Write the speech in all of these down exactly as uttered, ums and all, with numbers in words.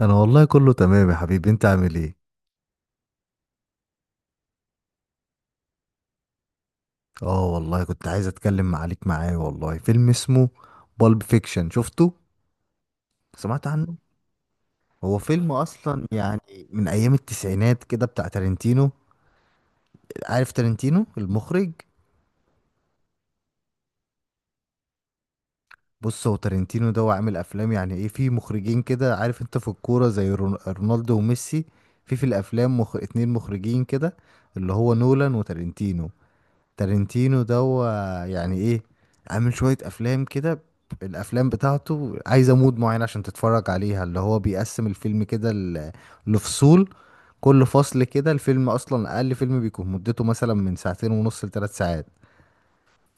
انا والله كله تمام يا حبيبي، انت عامل ايه؟ اه والله كنت عايز اتكلم عليك. معايا والله فيلم اسمه بالب فيكشن، شفته؟ سمعت عنه؟ هو فيلم اصلا يعني من ايام التسعينات كده بتاع تارنتينو. عارف تارنتينو المخرج؟ بص، هو تارنتينو ده هو عامل افلام، يعني ايه، في مخرجين كده، عارف انت في الكورة زي رون- رونالدو وميسي، في في الافلام مخ... اتنين مخرجين كده، اللي هو نولان وتارنتينو. تارنتينو ده هو يعني ايه، عامل شوية افلام كده. الافلام بتاعته عايزة مود معين عشان تتفرج عليها، اللي هو بيقسم الفيلم كده ل- لفصول. كل فصل كده، الفيلم اصلا اقل فيلم بيكون مدته مثلا من ساعتين ونص لثلاث ساعات،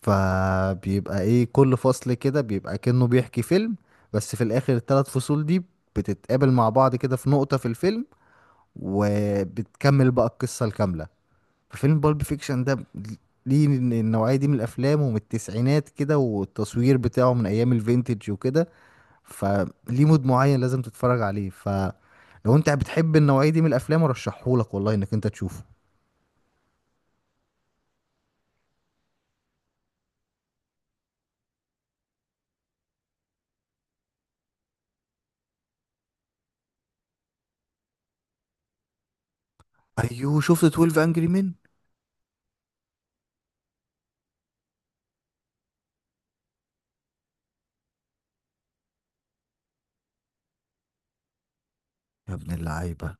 فبيبقى ايه، كل فصل كده بيبقى كأنه بيحكي فيلم، بس في الاخر الثلاث فصول دي بتتقابل مع بعض كده في نقطة في الفيلم، وبتكمل بقى القصة الكاملة. ففيلم بالب فيكشن ده ليه ال- النوعية دي من الأفلام، ومن التسعينات كده، والتصوير بتاعه من أيام الفينتج وكده، فليه مود معين لازم تتفرج عليه. فلو أنت بتحب النوعية دي من الأفلام أرشحهولك، والله إنك أنت تشوفه. أيوه، شفت اتناشر أنجري مين. يا ابن اللعيبة.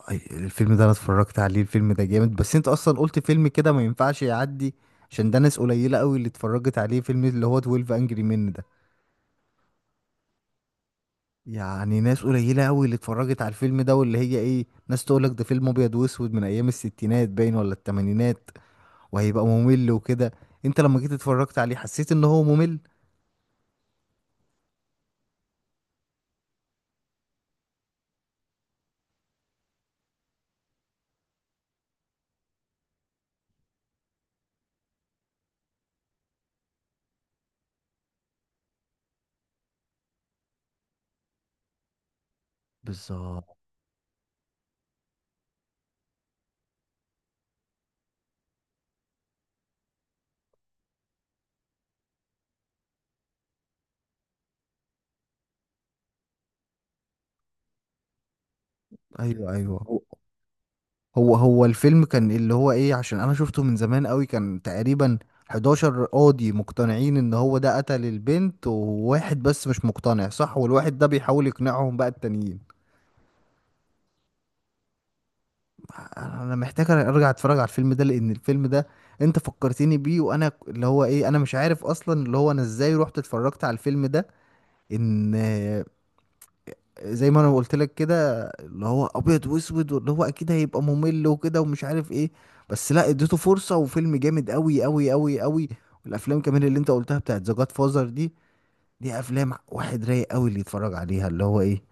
أي- الفيلم ده أنا اتفرجت عليه، الفيلم ده جامد، بس أنت أصلا قلت فيلم كده ما ينفعش يعدي، عشان ده ناس قليلة قوي اللي اتفرجت عليه، فيلم اللي هو اتناشر أنجري مين. يعني ناس قليلة أوي اللي اتفرجت على الفيلم ده، واللي هي إيه، ناس تقولك ده فيلم أبيض وأسود من أيام الستينات باين ولا التمانينات، وهيبقى ممل وكده. أنت لما جيت اتفرجت عليه حسيت إن هو ممل؟ بالظبط. أيوه، أيوه، هو هو هو الفيلم كان اللي هو إيه، عشان أنا شفته من زمان أوي، كان تقريبا حداشر قاضي مقتنعين إن هو ده قتل البنت، وواحد بس مش مقتنع، صح، والواحد ده بيحاول يقنعهم بقى التانيين. انا محتاج ارجع اتفرج على الفيلم ده، لان الفيلم ده انت فكرتني بيه، وانا ك- اللي هو ايه، انا مش عارف اصلا اللي هو انا ازاي رحت اتفرجت على الفيلم ده، ان آه، زي ما انا قلت لك كده، اللي هو ابيض واسود، واللي هو اكيد هيبقى ممل وكده ومش عارف ايه، بس لا، اديته فرصة وفيلم جامد قوي قوي قوي قوي. والافلام كمان اللي انت قلتها بتاعت ذا جاد فازر دي، دي افلام واحد رايق قوي اللي يتفرج عليها، اللي هو ايه،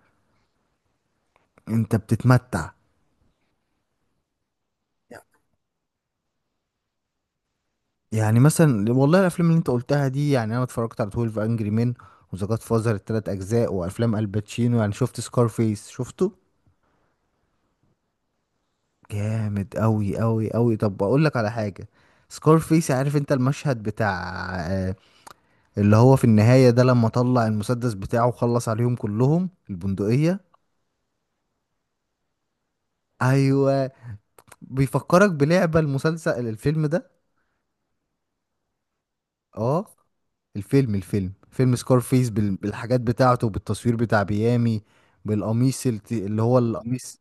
انت بتتمتع. يعني مثلا والله الافلام اللي انت قلتها دي، يعني انا اتفرجت على اتناشر انجري مان، وذا جاد فازر التلات اجزاء، وافلام الباتشينو، يعني شفت سكارفيس، شفته جامد قوي قوي قوي. طب اقول لك على حاجه، سكارفيس، عارف انت المشهد بتاع آه، اللي هو في النهايه ده، لما طلع المسدس بتاعه وخلص عليهم كلهم، البندقيه. ايوه. بيفكرك بلعبه، المسلسل، الفيلم ده. اه، الفيلم الفيلم فيلم سكارفيس بال... بالحاجات بتاعته، بالتصوير بتاع ميامي، بالقميص الت... اللي هو القميص،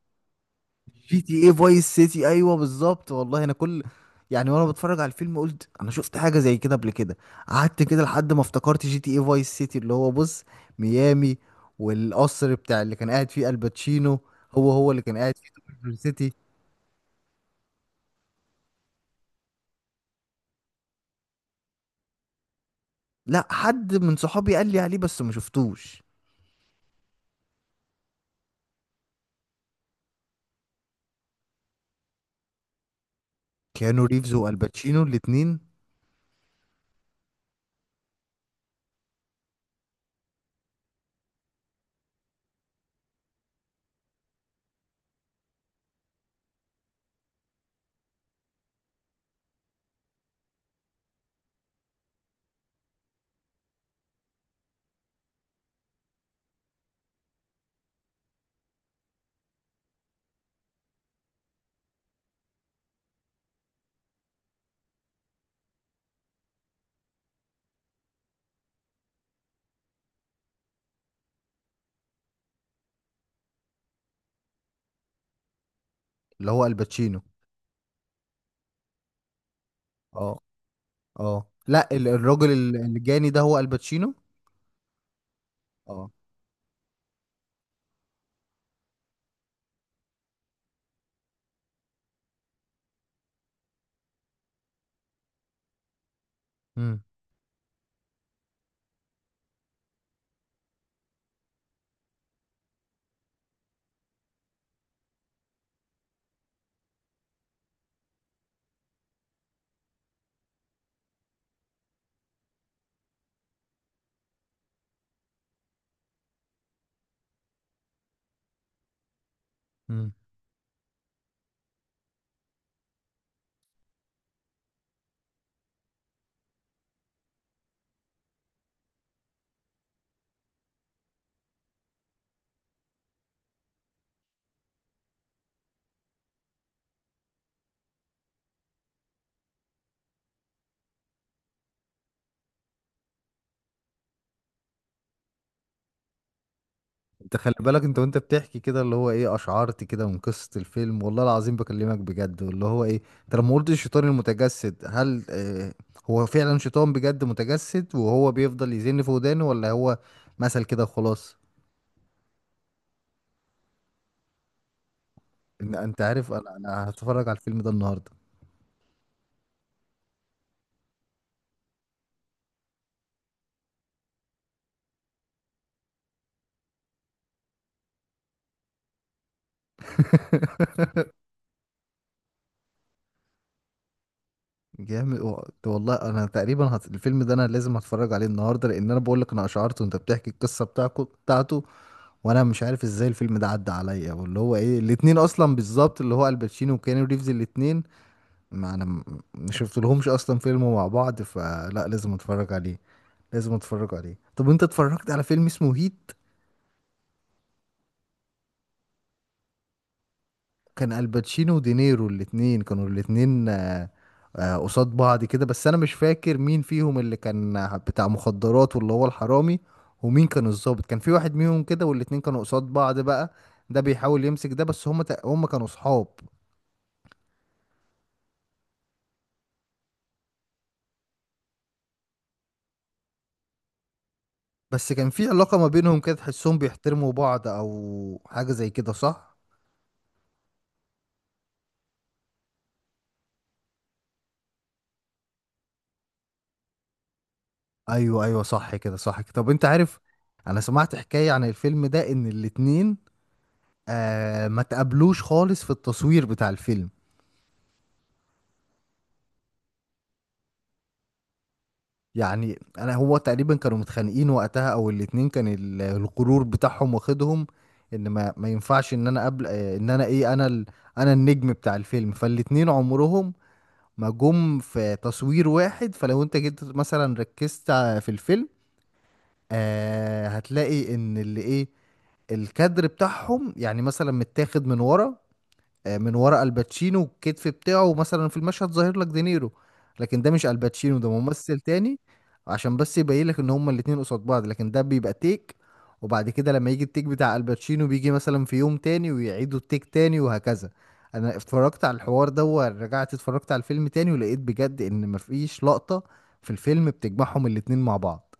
جي تي اي فايس سيتي، ايوه بالظبط. والله انا كل يعني وانا بتفرج على الفيلم قلت انا شفت حاجه زي كده قبل كده، قعدت كده لحد ما افتكرت جي تي اي فايس سيتي، اللي هو بص ميامي، والقصر بتاع اللي كان قاعد فيه الباتشينو هو هو اللي كان قاعد فيه. توم سيتي. لا، حد من صحابي قال لي عليه بس ما شفتوش. كيانو ريفز والباتشينو الاتنين. اللي هو الباتشينو؟ اه. اه، لا ال- الراجل ال- الجاني ده هو الباتشينو. اه. امم. امم. انت خلي بالك انت وانت بتحكي كده اللي هو ايه، اشعرت كده من قصة الفيلم، والله العظيم بكلمك بجد، واللي هو ايه، انت لما قلت الشيطان المتجسد، هل آه هو فعلا شيطان بجد متجسد، وهو بيفضل يزن في ودانه، ولا هو مثل كده خلاص؟ ان انت عارف انا انا هتفرج على الفيلم ده النهارده. جامد، و- والله انا تقريبا هت... الفيلم ده انا لازم هتفرج عليه النهارده، لان انا بقول لك انا اشعرت وانت بتحكي القصه بتاعكو بتاعته، وانا مش عارف ازاي الفيلم ده عدى عليا، واللي هو ايه الاتنين اصلا بالظبط، اللي هو الباتشينو وكيانو ريفز الاتنين، ما انا م- ما شفت لهمش اصلا فيلم مع بعض، فلا لازم اتفرج عليه، لازم اتفرج عليه. طب انت اتفرجت على فيلم اسمه هيت؟ كان الباتشينو ودينيرو الاتنين، كانوا الاتنين آه، آه، قصاد بعض كده، بس انا مش فاكر مين فيهم اللي كان بتاع مخدرات واللي هو الحرامي، ومين كان الضابط، كان في واحد منهم كده، والاتنين كانوا قصاد بعض بقى، ده بيحاول يمسك ده، بس هما تق- هما كانوا صحاب، بس كان في علاقة ما بينهم كده تحسهم بيحترموا بعض او حاجة زي كده، صح؟ ايوه، ايوه، صح كده، صح كده. طب انت عارف، انا سمعت حكاية عن الفيلم ده، ان الاتنين آه ما تقابلوش خالص في التصوير بتاع الفيلم. يعني انا هو تقريبا كانوا متخانقين وقتها، او الاتنين كان ال- الغرور بتاعهم واخدهم، ان ما ما ينفعش ان انا قبل آه، ان انا ايه انا ال... انا النجم بتاع الفيلم، فالاتنين عمرهم ما جم في تصوير واحد. فلو انت جيت مثلا ركزت ع- في الفيلم، آه هتلاقي ان اللي ايه الكادر بتاعهم يعني مثلا متاخد من ورا، آه، من ورا الباتشينو الكتف بتاعه مثلا، في المشهد ظاهر لك دينيرو، لكن ده مش الباتشينو، ده ممثل تاني عشان بس يبين لك ان هما الاتنين قصاد بعض، لكن ده بيبقى تيك، وبعد كده لما يجي التيك بتاع الباتشينو بيجي مثلا في يوم تاني، ويعيدوا التيك تاني وهكذا. انا اتفرجت على الحوار ده، ورجعت اتفرجت على الفيلم تاني، ولقيت بجد ان مفيش لقطة في الفيلم بتجمعهم الاتنين مع بعض.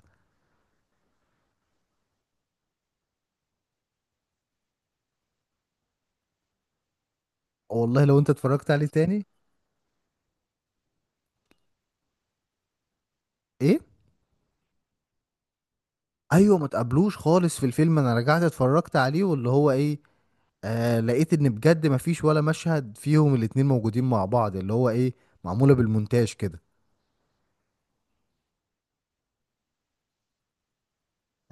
والله لو انت اتفرجت عليه تاني. ايه؟ ايوه، ما تقابلوش خالص في الفيلم، انا رجعت اتفرجت عليه واللي هو ايه، آه لقيت ان بجد ما فيش ولا مشهد فيهم الاتنين موجودين مع بعض، اللي هو ايه، معمولة بالمونتاج كده.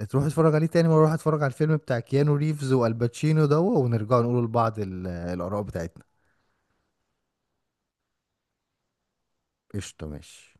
تروح اتفرج عليه تاني مرة، روح اتفرج على الفيلم بتاع كيانو ريفز والباتشينو ده، ونرجع نقول لبعض ال- الاراء بتاعتنا. قشطة، ماشي.